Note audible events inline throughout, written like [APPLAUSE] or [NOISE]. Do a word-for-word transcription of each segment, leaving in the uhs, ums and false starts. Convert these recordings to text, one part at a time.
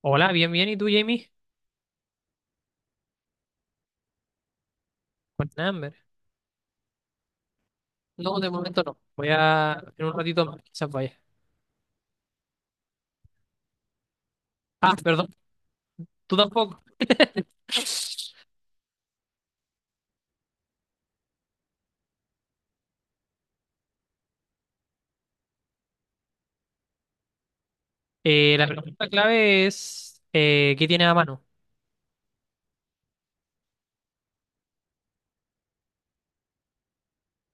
Hola, bien, bien. ¿Y tú, Jamie? Con hambre. No, de momento no. Voy a... En un ratito más, quizás vaya. Ah, perdón. Tú tampoco. Eh, la pregunta clave es... eh, ¿qué tienes a mano?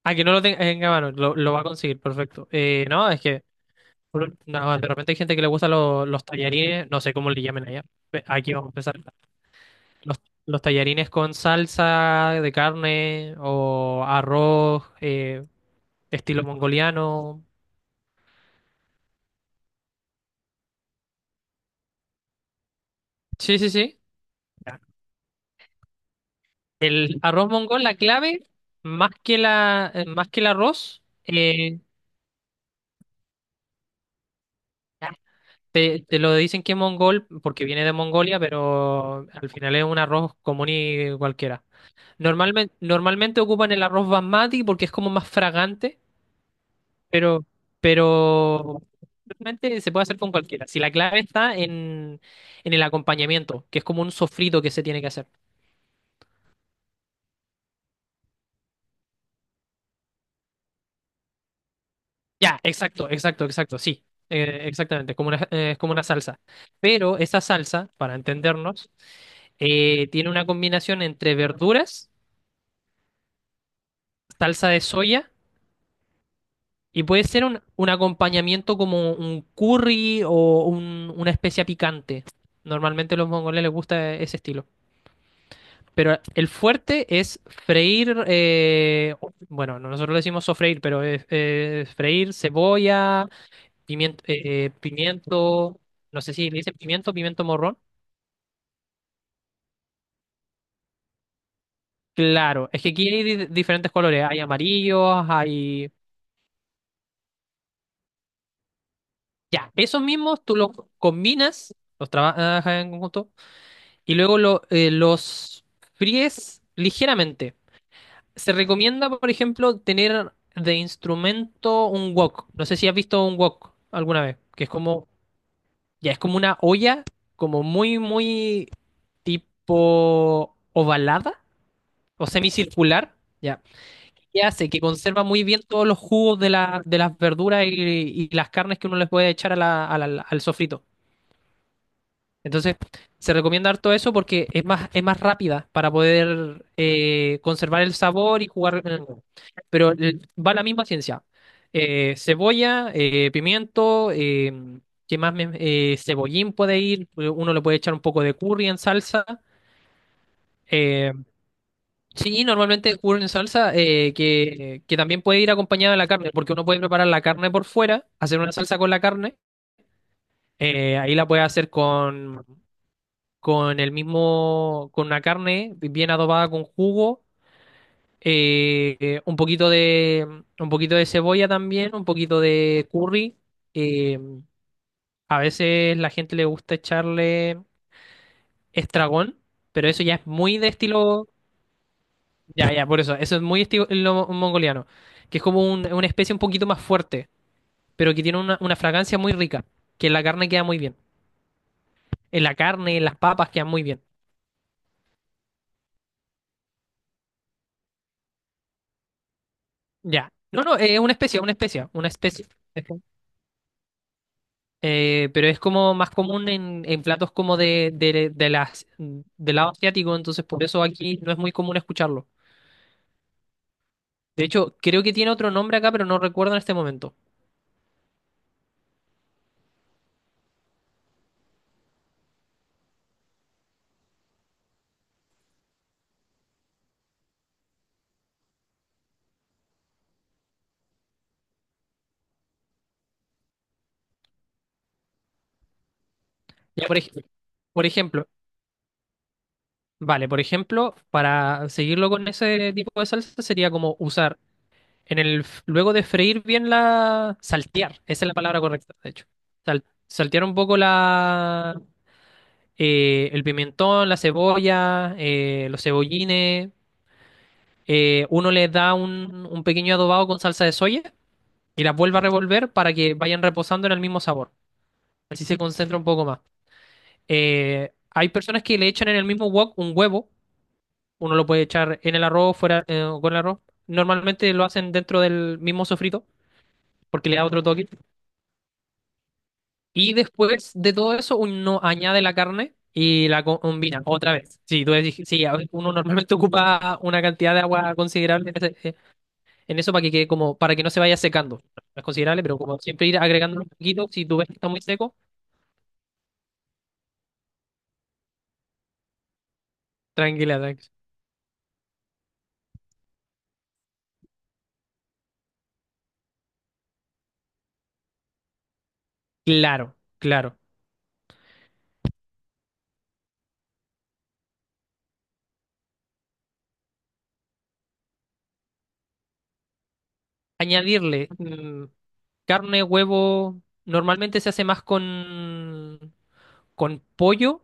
Ah, que no lo ten- tenga a mano. Lo, lo va a conseguir. Perfecto. Eh, no, es que... no, de repente hay gente que le gusta lo- los tallarines. No sé cómo le llamen allá. Pe- Aquí vamos a empezar. Los, los tallarines con salsa de carne o arroz, eh, estilo mongoliano. Sí, sí, sí. El arroz mongol, la clave, más que la, eh, más que el arroz, eh, te, te lo dicen que es mongol porque viene de Mongolia, pero al final es un arroz común y cualquiera. Normalmente, normalmente ocupan el arroz basmati porque es como más fragante, pero, pero realmente se puede hacer con cualquiera. Si la clave está en, en el acompañamiento, que es como un sofrito que se tiene que hacer. Ya, exacto, exacto, exacto, sí, eh, exactamente, como una, eh, es como una salsa. Pero esa salsa, para entendernos, eh, tiene una combinación entre verduras, salsa de soya y puede ser un, un acompañamiento como un curry o un- una especia picante. Normalmente a los mongoles les gusta ese estilo. Pero el fuerte es freír, eh, bueno, nosotros le decimos sofreír, pero es, es freír cebolla. Pimiento, eh, eh, pimiento, no sé si le dicen pimiento, pimiento morrón. Claro, es que aquí hay di- diferentes colores, hay amarillos, hay... Ya, esos mismos tú los combinas, los trabajas en conjunto, y luego lo- eh, los fríes ligeramente. Se recomienda, por ejemplo, tener de instrumento un wok. No sé si has visto un wok alguna vez, que es como, ya, es como una olla, como muy, muy tipo ovalada o semicircular. Ya. Que hace que conserva muy bien todos los jugos de, la- de las verduras y, y las carnes que uno les puede echar a la- a la- al sofrito. Entonces, se recomienda harto eso porque es más, es más rápida para poder eh, conservar el sabor y jugar en el- huevo. Pero el- va la misma ciencia. Eh, cebolla, eh, pimiento, eh, ¿qué más? me- eh, cebollín puede ir, uno le puede echar un poco de curry en salsa. eh, Sí, normalmente ocurre en salsa eh, que, que también puede ir acompañada de la carne, porque uno puede preparar la carne por fuera, hacer una salsa con la carne, eh, ahí la puede hacer con, con el mismo, con una carne bien adobada con jugo, eh, eh, un poquito de, un poquito de cebolla también, un poquito de curry. eh, a veces la gente le gusta echarle estragón, pero eso ya es muy de estilo. Ya, ya, por eso. Eso es muy estilo mongoliano, que es como un- una especie un poquito más fuerte, pero que tiene una, una fragancia muy rica, que en la carne queda muy bien. En la carne, en las papas quedan muy bien. Ya. No, no, es una especie, una especie, una especie. Eh, pero es como más común en, en platos como de, de, de las, del lado asiático, entonces por eso aquí no es muy común escucharlo. De hecho, creo que tiene otro nombre acá, pero no recuerdo en este momento. Ya, por ej- por ejemplo. Vale, por ejemplo, para seguirlo con ese tipo de salsa sería como usar en el f- luego de freír bien la saltear, esa es la palabra correcta, de hecho. Sal- saltear un poco la eh, el pimentón, la cebolla, eh, los cebollines. Eh, uno les da un, un pequeño adobado con salsa de soya y las vuelve a revolver para que vayan reposando en el mismo sabor. Así se concentra un poco más. Eh, hay personas que le echan en el mismo wok un huevo. Uno lo puede echar en el arroz, fuera, eh, o con el arroz. Normalmente lo hacen dentro del mismo sofrito, porque le da otro toque. Y después de todo eso, uno añade la carne y la co- combina otra vez. Sí, tú decís- sí, a ver, uno normalmente [LAUGHS] ocupa una cantidad de agua considerable en, ese- eh, en eso para que quede como, para que no se vaya secando. No es considerable, pero como siempre ir agregando un poquito, si tú ves que está muy seco, tranquila, tranquila. Claro, claro. Añadirle mm, carne, huevo. Normalmente se hace más con con pollo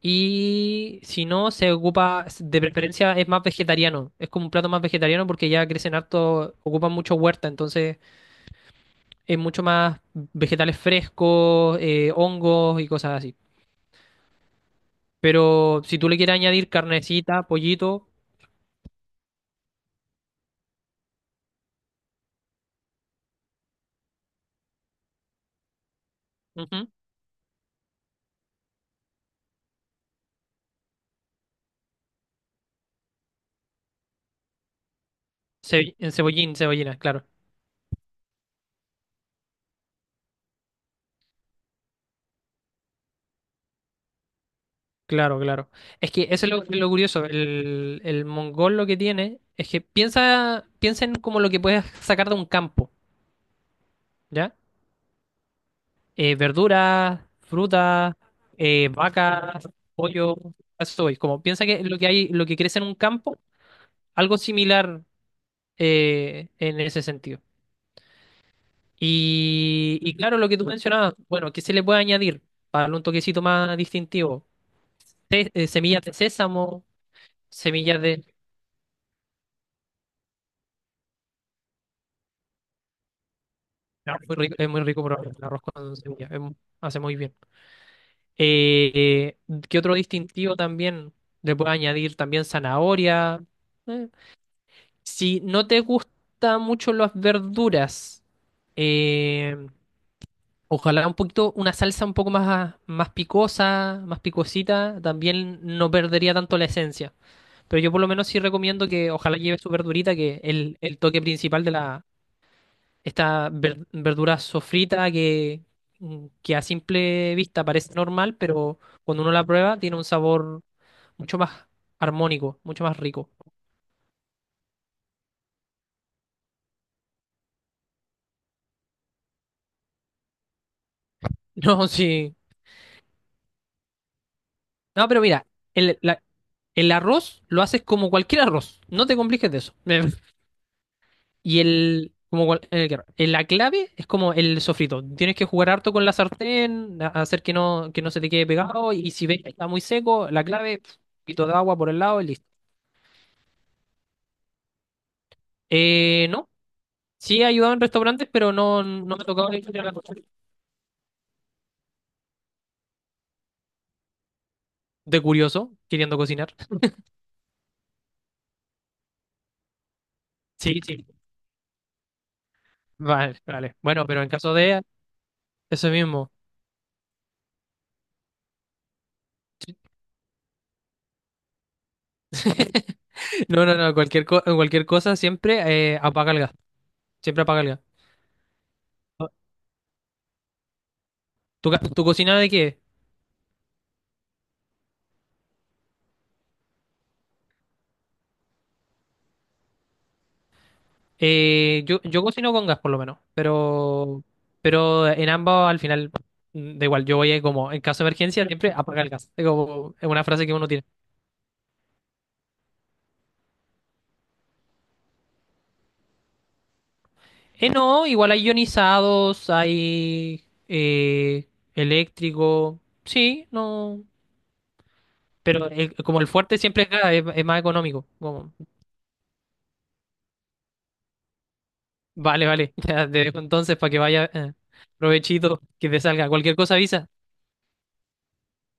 y si no, se ocupa, de preferencia es más vegetariano. Es como un plato más vegetariano porque ya crecen harto, ocupan mucho huerta, entonces es mucho más vegetales frescos, eh, hongos y cosas así. Pero si tú le quieres añadir carnecita, pollito, ujú, ce- en cebollín, cebollina, claro. Claro, claro. Es que eso es lo, lo curioso. El, el mongol lo que tiene es que piensa, piensa en como lo que puedes sacar de un campo, ¿ya? Eh, verduras, frutas, eh, vacas, pollo, a eso voy. Como piensa que lo que hay, lo que crece en un campo, algo similar eh, en ese sentido. Y, y claro, lo que tú mencionabas, bueno, ¿qué se le puede añadir para darle un toquecito más distintivo? Te- eh, semillas de sésamo, semillas de... no, muy rico- es muy rico probar el arroz con semillas, es mu- hace muy bien. Eh, eh, ¿qué otro distintivo también le puede añadir? También zanahoria. eh, Si no te gustan mucho las verduras, eh, ojalá un poquito, una salsa un poco más, más picosa, más picosita, también no perdería tanto la esencia. Pero yo por lo menos sí recomiendo que ojalá lleve su verdurita, que es el, el toque principal de la, esta ver- verdura sofrita que, que a simple vista parece normal, pero cuando uno la prueba tiene un sabor mucho más armónico, mucho más rico. [LAUGHS] No, sí. No, pero mira, el, la- el arroz lo haces como cualquier arroz. No te compliques de eso. [LAUGHS] Y el, como cual- el que- el- la clave es como el sofrito. Tienes que jugar harto con la sartén, a- hacer que no, que no se te quede pegado. Y si ves que está muy seco, la clave, pf, un poquito de agua por el lado y listo. Eh, no. Sí he ayudado en restaurantes, pero no, no me ha tocado la historia de la cocina. De curioso, queriendo cocinar. Sí, sí. Vale, vale. Bueno, pero en caso de eso mismo. [LAUGHS] No, no, no. Cualquier, co- cualquier cosa siempre eh, apaga el gas. Siempre apaga el gas. ¿Tu, ga- ¿tu cocina de qué? Eh, yo, yo cocino con gas por lo menos, pero, pero en ambos al final mm, da igual, yo voy a como en caso de emergencia siempre apaga el gas. Es como es una frase que uno tiene. Eh, no, igual hay ionizados, hay eh, eléctrico, sí, no, pero el- como el fuerte siempre es gas, es, es más económico. Como, vale, vale, [LAUGHS] ya te dejo entonces para que vaya, eh, provechito, que te salga cualquier cosa avisa.